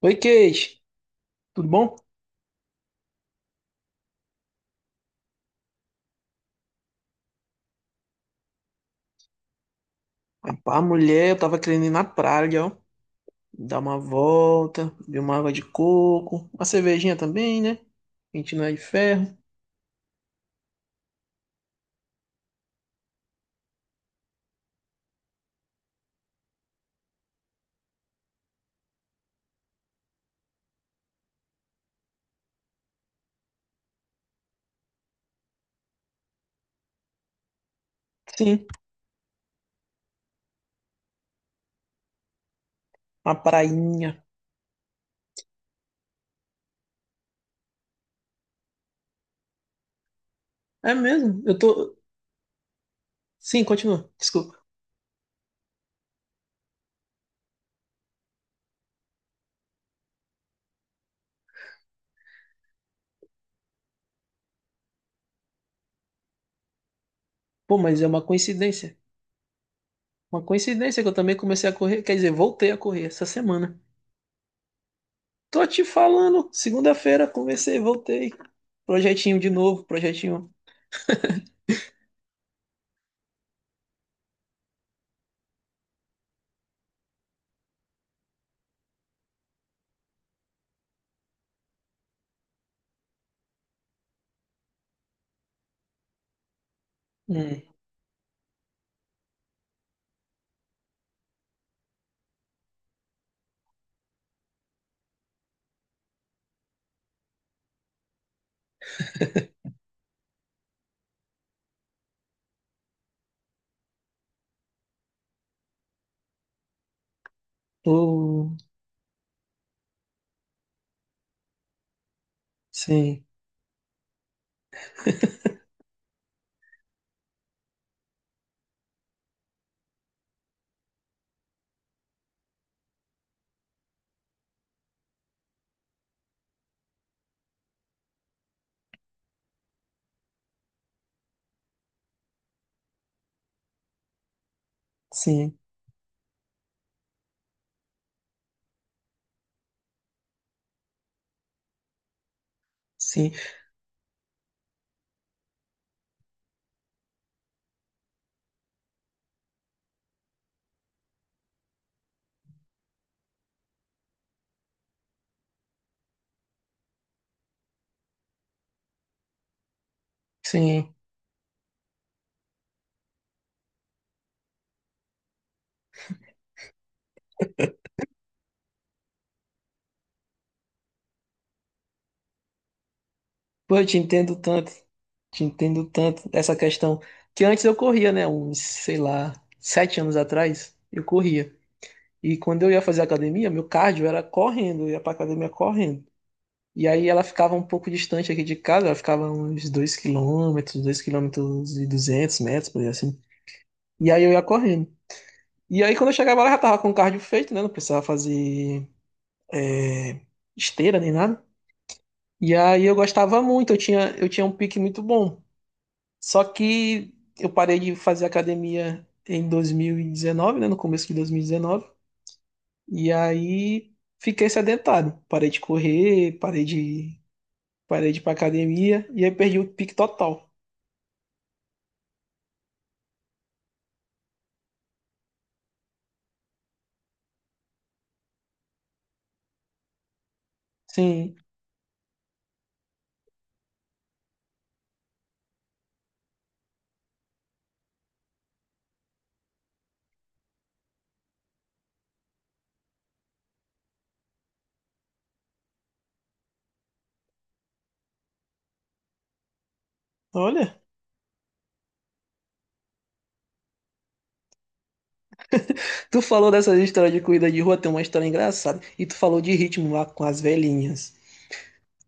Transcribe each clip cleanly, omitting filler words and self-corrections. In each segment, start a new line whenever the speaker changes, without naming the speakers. Oi, Kate, tudo bom? Rapaz, mulher, eu tava querendo ir na praia, ó. Dar uma volta, beber uma água de coco, uma cervejinha também, né? A gente não é de ferro. Sim, uma prainha. É mesmo? Eu tô. Sim, continua, desculpa. Pô, mas é uma coincidência. Uma coincidência que eu também comecei a correr, quer dizer, voltei a correr essa semana. Tô te falando, segunda-feira comecei, voltei. Projetinho de novo, projetinho. Hum. Oh, sim, sim, sim. Sim. Pô, eu te entendo tanto essa questão. Que antes eu corria, né? Uns, sei lá, sete anos atrás, eu corria. E quando eu ia fazer academia, meu cardio era correndo, eu ia pra academia correndo. E aí ela ficava um pouco distante aqui de casa, ela ficava uns dois quilômetros e 200 metros, por aí assim. E aí eu ia correndo. E aí quando eu chegava lá, eu já tava com o cardio feito, né? Não precisava fazer eh, esteira nem nada. E aí eu gostava muito, eu tinha um pique muito bom. Só que eu parei de fazer academia em 2019, né? No começo de 2019. E dezenove. E aí fiquei sedentário. Parei de correr, parei de ir pra academia. E aí perdi o pique total. Sim. Olha, tu falou dessas histórias de corrida de rua, tem uma história engraçada. E tu falou de ritmo lá com as velhinhas.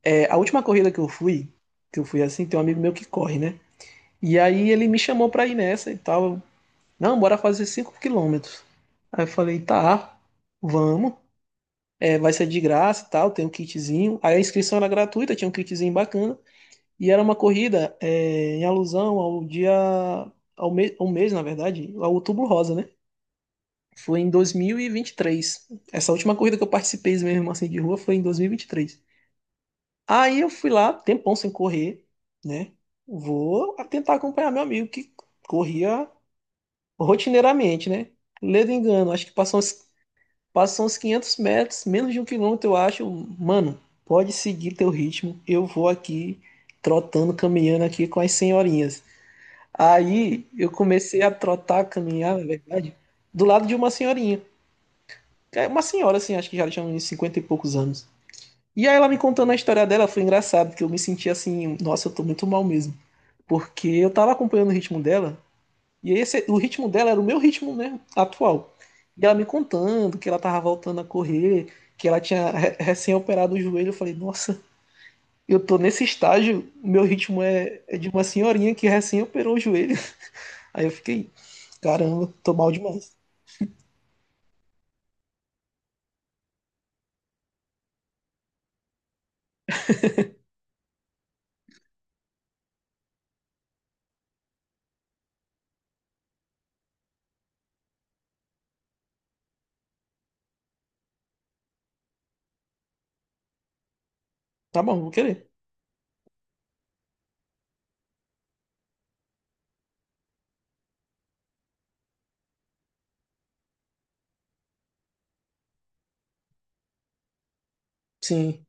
É, a última corrida que eu fui assim, tem um amigo meu que corre, né? E aí ele me chamou pra ir nessa e tal. Não, bora fazer 5 quilômetros. Aí eu falei, tá, vamos. É, vai ser de graça e tal, tem um kitzinho. Aí a inscrição era gratuita, tinha um kitzinho bacana. E era uma corrida é, em alusão ao dia, ao, me, ao mês, na verdade, ao Outubro Rosa, né? Foi em dois mil e vinte e três. Essa última corrida que eu participei mesmo assim de rua foi em dois mil e vinte e três. Aí eu fui lá, tempão sem correr, né? Vou tentar acompanhar meu amigo que corria rotineiramente, né? Ledo engano, acho que passou uns. Passam uns 500 metros, menos de um quilômetro, eu acho. Mano, pode seguir teu ritmo. Eu vou aqui trotando, caminhando aqui com as senhorinhas. Aí eu comecei a trotar, caminhar, na verdade, do lado de uma senhorinha. É, uma senhora, assim, acho que já tinha uns 50 e poucos anos. E aí ela me contando a história dela, foi engraçado, porque eu me senti assim, nossa, eu tô muito mal mesmo. Porque eu tava acompanhando o ritmo dela, e esse, o ritmo dela era o meu ritmo né atual. E ela me contando que ela tava voltando a correr, que ela tinha recém-operado o joelho. Eu falei, nossa, eu tô nesse estágio, meu ritmo é, é de uma senhorinha que recém-operou o joelho. Aí eu fiquei, caramba, tô mal demais. Tá bom, vou querer. Sim,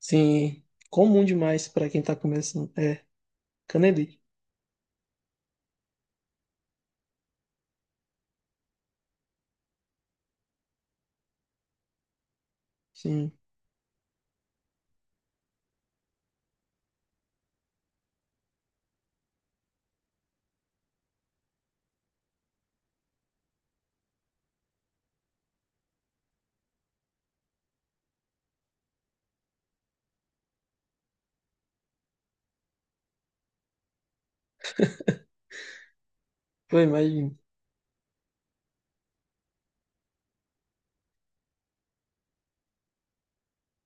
sim. Comum demais pra quem tá começando. É, canelite. Sim, eu imagino.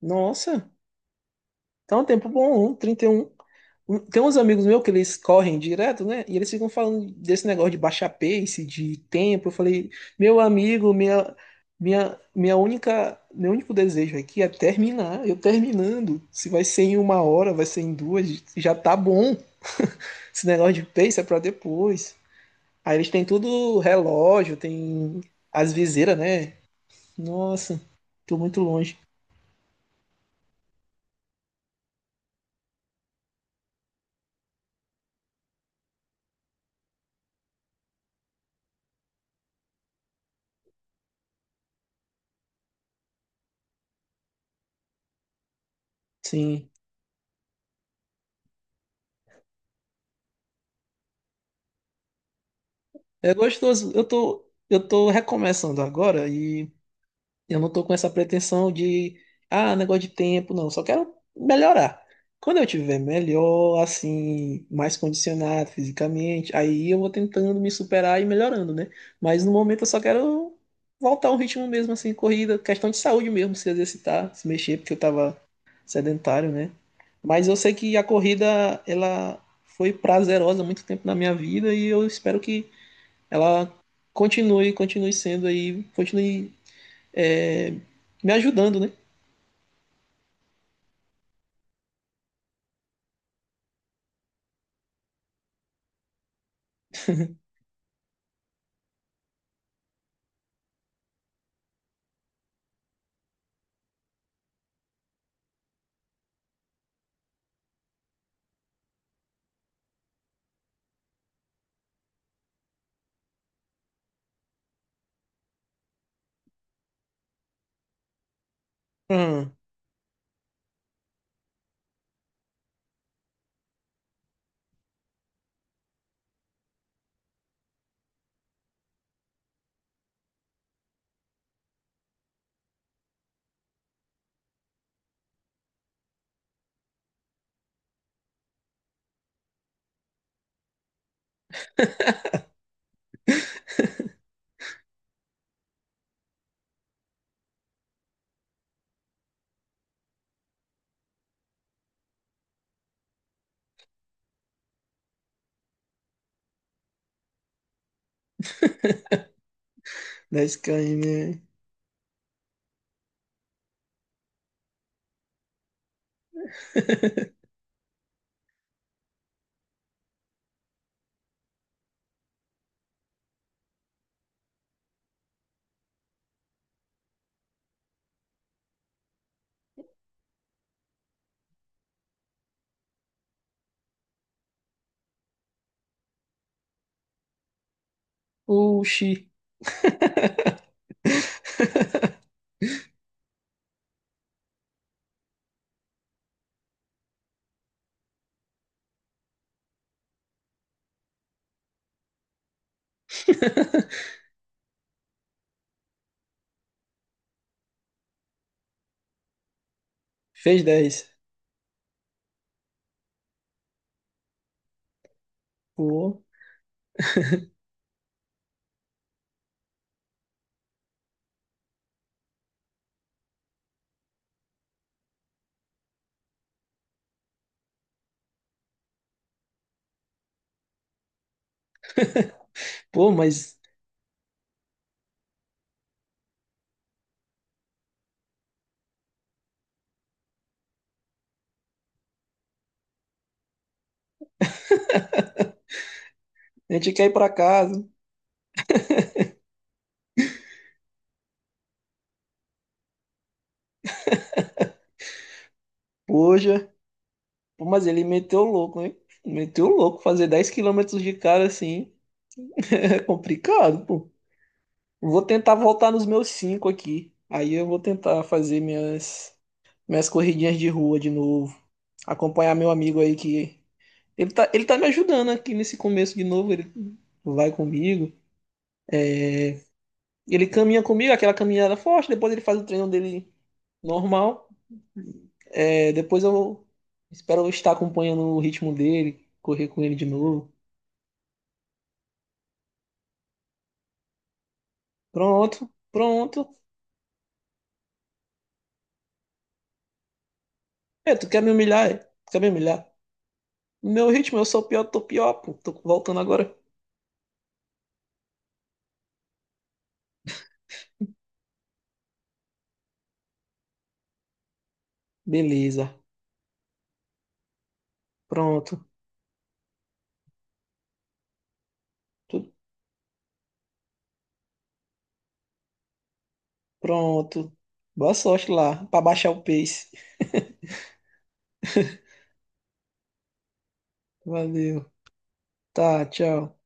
Nossa, tá um tempo bom, um, trinta e um. Um, tem uns amigos meus que eles correm direto, né? E eles ficam falando desse negócio de baixar pace, de tempo. Eu falei, meu amigo, minha única, meu único desejo aqui é terminar. Eu terminando. Se vai ser em uma hora, vai ser em duas, já tá bom. Esse negócio de pace é pra depois. Aí eles têm tudo relógio, tem as viseiras, né? Nossa, tô muito longe. Sim. É gostoso. Eu tô recomeçando agora e. Eu não tô com essa pretensão de, ah, negócio de tempo, não. Só quero melhorar. Quando eu tiver melhor, assim, mais condicionado fisicamente, aí eu vou tentando me superar e melhorando, né? Mas no momento eu só quero voltar ao ritmo mesmo, assim, corrida, questão de saúde mesmo, se exercitar, se mexer, porque eu tava sedentário, né? Mas eu sei que a corrida, ela foi prazerosa há muito tempo na minha vida e eu espero que ela continue, continue sendo aí, continue é, me ajudando, né? Ah, 10 km, né? Oxi. Fez dez. Pô, pô, mas a gente quer ir pra casa. Poxa. Pô, mas ele meteu louco, hein? Meteu louco. Fazer 10 quilômetros de cara assim é complicado, pô. Vou tentar voltar nos meus 5 aqui. Aí eu vou tentar fazer minhas, minhas corridinhas de rua de novo. Acompanhar meu amigo aí que. Ele tá me ajudando aqui nesse começo de novo. Ele vai comigo. Ele caminha comigo, aquela caminhada forte, depois ele faz o treino dele normal. É, depois eu espero eu estar acompanhando o ritmo dele, correr com ele de novo. Pronto, pronto. É, tu quer me humilhar? É? Tu quer me humilhar? No meu ritmo, eu sou pior, tô pior, pô. Tô voltando agora. Beleza. Pronto. Tu- Pronto. Boa sorte lá, pra baixar o pace. Valeu. Tá, tchau.